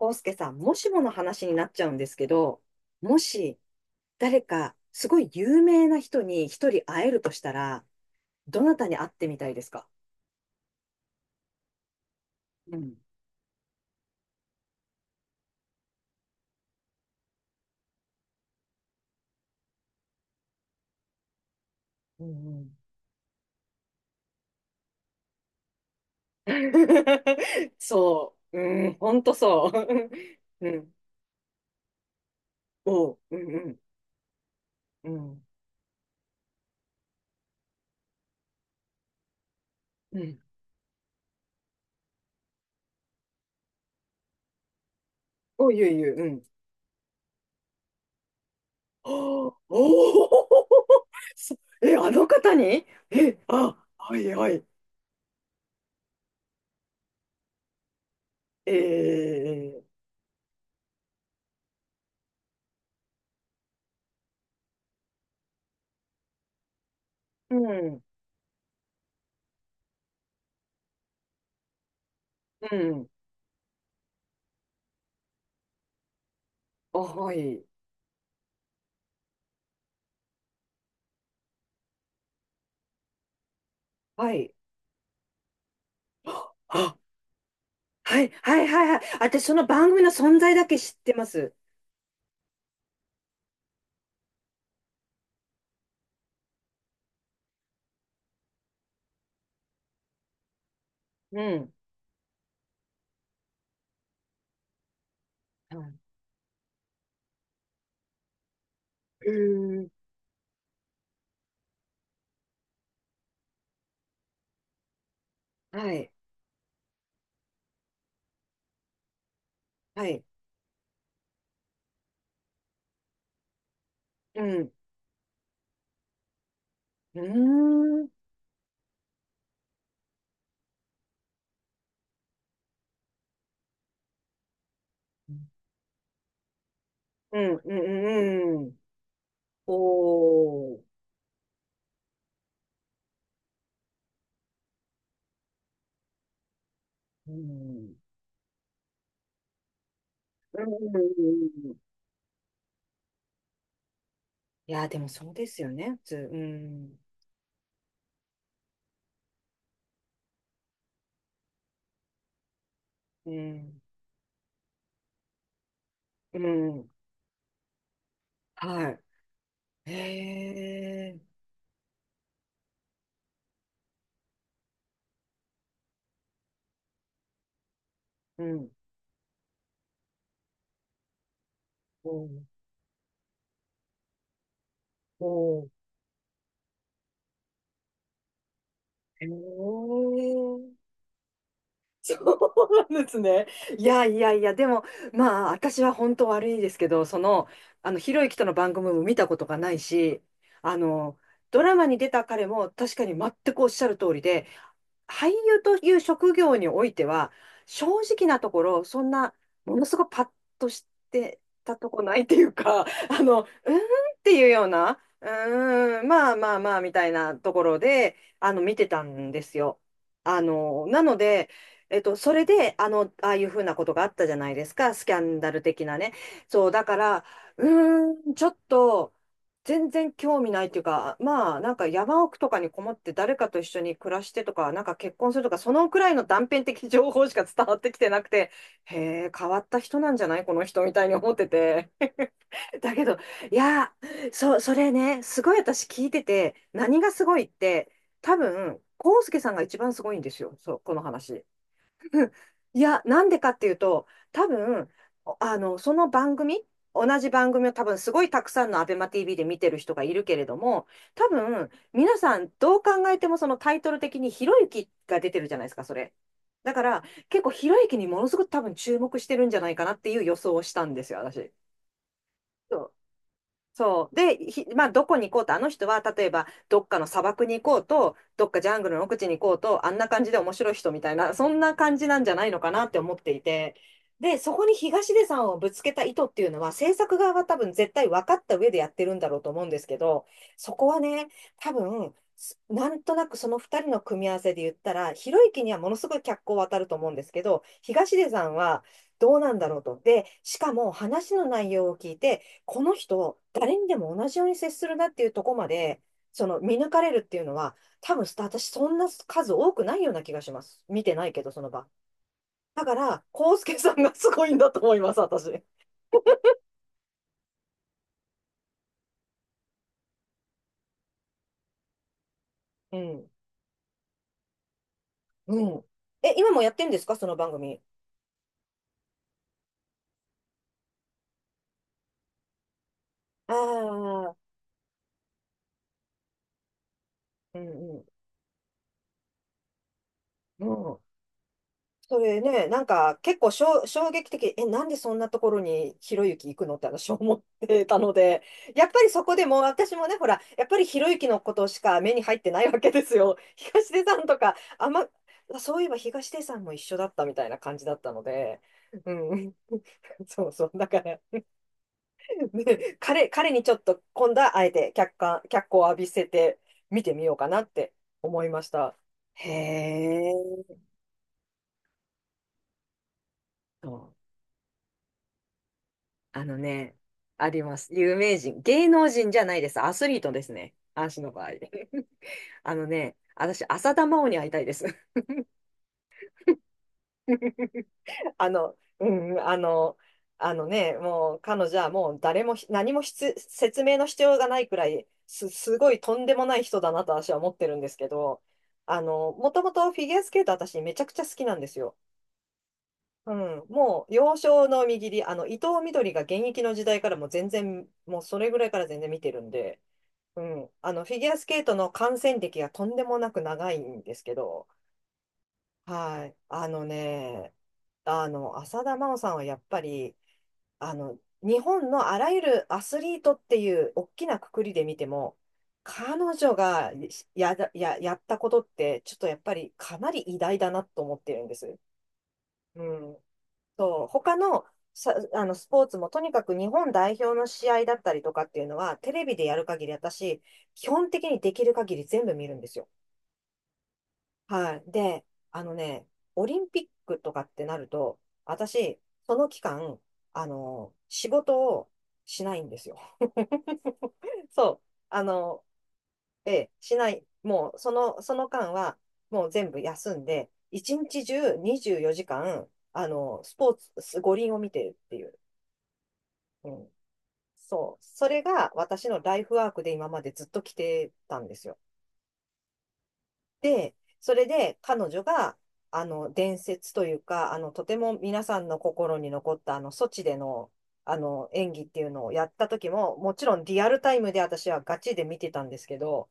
康介さん、もしもの話になっちゃうんですけど、もし誰かすごい有名な人に一人会えるとしたら、どなたに会ってみたいですか？うん。そう。うん、ほんとそう。うん。おう、うん、うん、うん。うん。おう、ゆうゆう、うん。おーおー そえ、あの方に、え、あ、はいはい。えー、うん、うん。あ、はい、はい。あ、はい、はい、はい、はい。私、その番組の存在だけ知ってます。うん。はい。うーん。はい、はい。うん。うーん。うん、うん、うん。うん。おー。うん。うん。いや、でもそうですよね、普通。うん。うん。うん。はい。へえ。うん。おー。おー。へえ。そうなんですね。いやいやいや、でも、まあ、私は本当悪いですけど、その、ひろゆきとの番組も見たことがないし、あの、ドラマに出た彼も確かに全くおっしゃる通りで、俳優という職業においては、正直なところ、そんな、ものすごくパッとしてたとこないっていうか、あの、うーんっていうような、うーん、まあまあまあ、みたいなところで、見てたんですよ。あの、なので、それで、あの、ああいうふうなことがあったじゃないですか、スキャンダル的なね。そう、だから、うーん、ちょっと、全然興味ないっていうか、まあ、なんか山奥とかにこもって誰かと一緒に暮らしてとか、なんか結婚するとか、そのくらいの断片的情報しか伝わってきてなくて、へえ、変わった人なんじゃないこの人みたいに思ってて。だけど、いやー、そう、それね、すごい私聞いてて、何がすごいって、多分、康介さんが一番すごいんですよ、そう、この話。いや、なんでかっていうと、多分、おあの、その番組、同じ番組を多分すごいたくさんのアベマ TV で見てる人がいるけれども、多分、皆さんどう考えてもそのタイトル的にひろゆきが出てるじゃないですか、それ。だから、結構ひろゆきにものすごく多分注目してるんじゃないかなっていう予想をしたんですよ、私。そうそう。で、ひ、まあ、どこに行こうと、あの人は、例えば、どっかの砂漠に行こうと、どっかジャングルの奥地に行こうと、あんな感じで面白い人みたいな、そんな感じなんじゃないのかなって思っていて。で、そこに東出さんをぶつけた意図っていうのは、制作側は多分絶対分かった上でやってるんだろうと思うんですけど、そこはね、多分、すなんとなくその2人の組み合わせで言ったら、ひろゆきにはものすごい脚光を当たると思うんですけど、東出さんはどうなんだろうと。で、しかも話の内容を聞いて、この人、誰にでも同じように接するなっていうところまで、その見抜かれるっていうのは、多分私、そんな数多くないような気がします。見てないけど、その場。だから、コウスケさんがすごいんだと思います、私。うん。うん。え、今もやってんですか、その番組？ああー、うんうん。うん。それね、なんか結構しょ衝撃的、え、なんでそんなところにひろゆき行くのって私思ってたので、やっぱりそこでもう私もね、ほら、やっぱりひろゆきのことしか目に入ってないわけですよ。東出さんとか、あんま、そういえば東出さんも一緒だったみたいな感じだったので、うん、そうそう、だから、ね、彼、彼にちょっと今度はあえて客観、脚光を浴びせて見てみようかなって思いました。へえ。あのね、あります。有名人。芸能人じゃないです。アスリートですね。足の場合。あのね、私、浅田真央に会いたいです。あの、うん、あの、あのね、もう彼女はもう誰もひ何もひつ説明の必要がないくらいす、すごいとんでもない人だなと私は思ってるんですけど、もともとフィギュアスケート私めちゃくちゃ好きなんですよ。うん、もう幼少の右利り、あの、伊藤みどりが現役の時代からもう全然、もうそれぐらいから全然見てるんで、うん、あのフィギュアスケートの観戦歴がとんでもなく長いんですけど、はい、あのね、あの浅田真央さんはやっぱりあの日本のあらゆるアスリートっていう大きな括りで見ても、彼女がや、や、やったことって、ちょっとやっぱりかなり偉大だなと思ってるんです。うん、そう、他のさ、あのスポーツもとにかく日本代表の試合だったりとかっていうのは、テレビでやる限り、私、基本的にできる限り全部見るんですよ。はい。で、あのね、オリンピックとかってなると、私、その期間、あの、仕事をしないんですよ。そう。あの、ええ、しない。もう、その、その間は、もう全部休んで、一日中24時間、あの、スポーツ、五輪を見てるっていう。うん、そう。それが私のライフワークで今までずっと来てたんですよ。で、それで彼女が、あの、伝説というか、あの、とても皆さんの心に残った、あの、ソチでの、あの、演技っていうのをやった時も、もちろんリアルタイムで私はガチで見てたんですけど、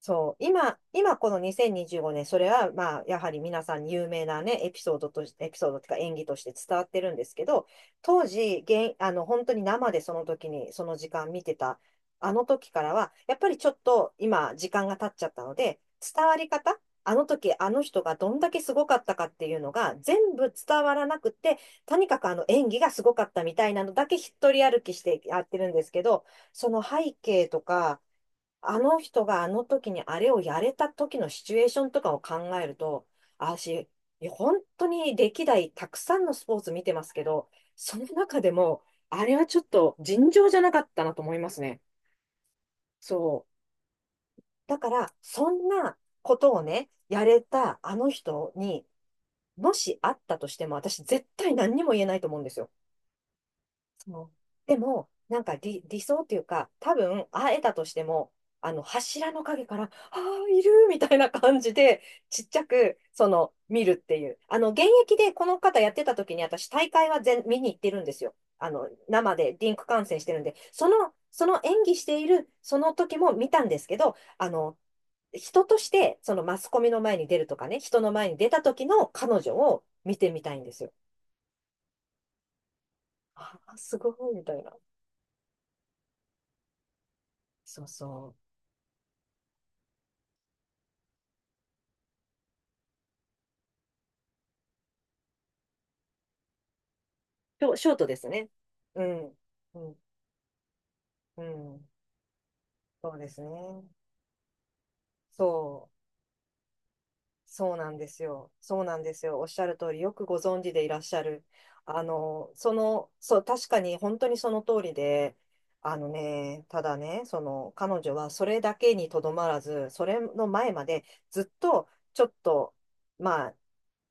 そう、今、今この2025年、それはまあ、やはり皆さんに有名なね、エピソードとし、エピソードというか演技として伝わってるんですけど、当時、現、あの、本当に生でその時に、その時間見てた、あの時からは、やっぱりちょっと今、時間が経っちゃったので、伝わり方、あの時、あの人がどんだけすごかったかっていうのが、全部伝わらなくて、とにかくあの演技がすごかったみたいなのだけ一人歩きしてやってるんですけど、その背景とか、あの人があの時にあれをやれた時のシチュエーションとかを考えると、あ私、いや本当に歴代たくさんのスポーツ見てますけど、その中でも、あれはちょっと尋常じゃなかったなと思いますね。そう。だから、そんなことをね、やれたあの人に、もしあったとしても、私絶対何にも言えないと思うんですよ。そうん、でも、なんか理、理想っていうか、多分会えたとしても、あの柱の陰から、ああ、いるみたいな感じで、ちっちゃく、その、見るっていう。あの、現役でこの方やってた時に、私、大会は全、見に行ってるんですよ。生でリンク観戦してるんで、その演技している、その時も見たんですけど、人として、そのマスコミの前に出るとかね、人の前に出た時の彼女を見てみたいんですよ。ああ、すごい、みたいな。そうそう。ショートですね。うん。うん。うん。そうですね。そう。そうなんですよ。そうなんですよ。おっしゃる通り、よくご存知でいらっしゃる。確かに本当にその通りで、あのね、ただね、彼女はそれだけにとどまらず、それの前までずっと、ちょっと、まあ、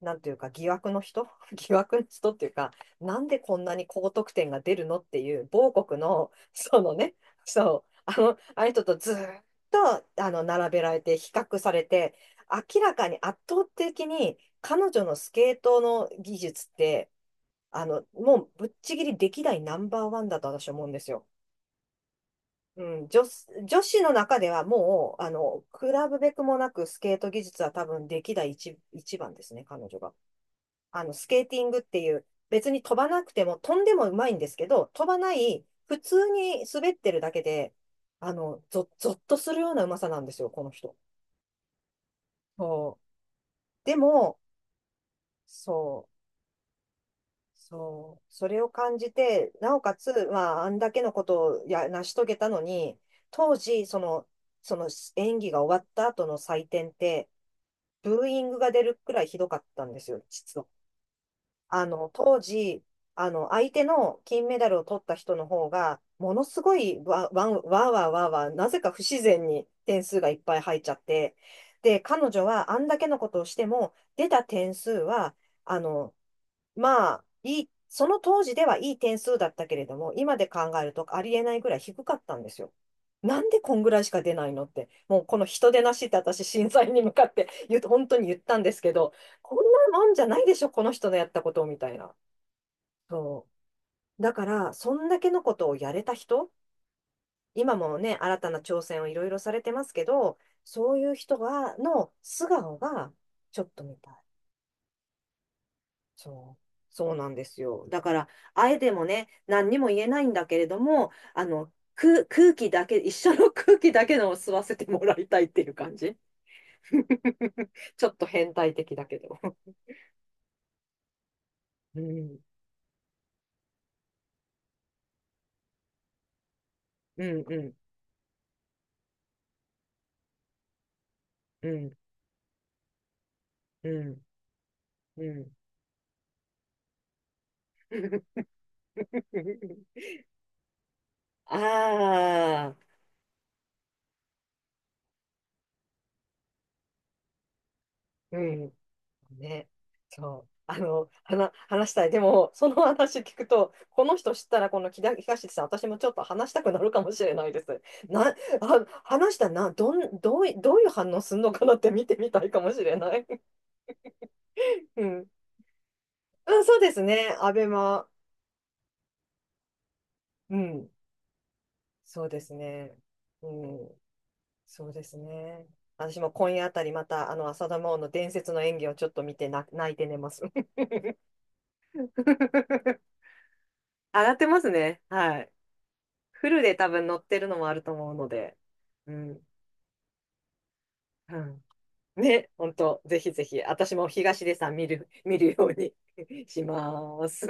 なんていうか、疑惑の人 疑惑の人っていうか、なんでこんなに高得点が出るのっていう、某国の、そのね、そう、あの人とずーっと、並べられて、比較されて、明らかに圧倒的に彼女のスケートの技術って、もうぶっちぎり歴代ナンバーワンだと私は思うんですよ。うん、女子の中ではもう、比べべくもなくスケート技術は多分歴代一、一番ですね、彼女が。スケーティングっていう、別に飛ばなくても、飛んでもうまいんですけど、飛ばない、普通に滑ってるだけで、あの、ぞっとするようなうまさなんですよ、この人。そう。でも、そそう、それを感じて、なおかつ、まあ、あんだけのことを成し遂げたのに、当時、その演技が終わった後の採点って、ブーイングが出るくらいひどかったんですよ、実は。あの、当時、あの、相手の金メダルを取った人の方が、ものすごいわ、わん、わーわーわーわー、なぜか不自然に点数がいっぱい入っちゃって、で、彼女はあんだけのことをしても、出た点数は、あの、まあ、いい、その当時ではいい点数だったけれども、今で考えるとありえないぐらい低かったんですよ。なんでこんぐらいしか出ないのって、もうこの人出なしって私審査員に向かって言う、本当に言ったんですけど、こんなもんじゃないでしょ、この人のやったことみたいな。そう。だから、そんだけのことをやれた人、今もね、新たな挑戦をいろいろされてますけど、そういう人が、の素顔がちょっと見たい。そう、そうなんですよ。だから、あえてもね、何にも言えないんだけれども、あの、空気だけ、一緒の空気だけのを吸わせてもらいたいっていう感じ。ちょっと変態的だけど。うん、うん、うん、うん、うん、うん。ああ、うん。ね、そう、話したい。でも、その話聞くと、この人知ったら、この木田東さん、私もちょっと話したくなるかもしれないです。な、話したらな、どん、どうい、どういう反応するのかなって見てみたいかもしれない。うん。うん、そうですね。アベマ。うん。そうですね。うん。そうですね。私も今夜あたりまた、あの、浅田真央の伝説の演技をちょっと見てな、泣いて寝ます。笑ってますね。はい。フルで多分乗ってるのもあると思うので、うん、うん。ね、本当、ぜひぜひ、私も東出さん見る、見るように します。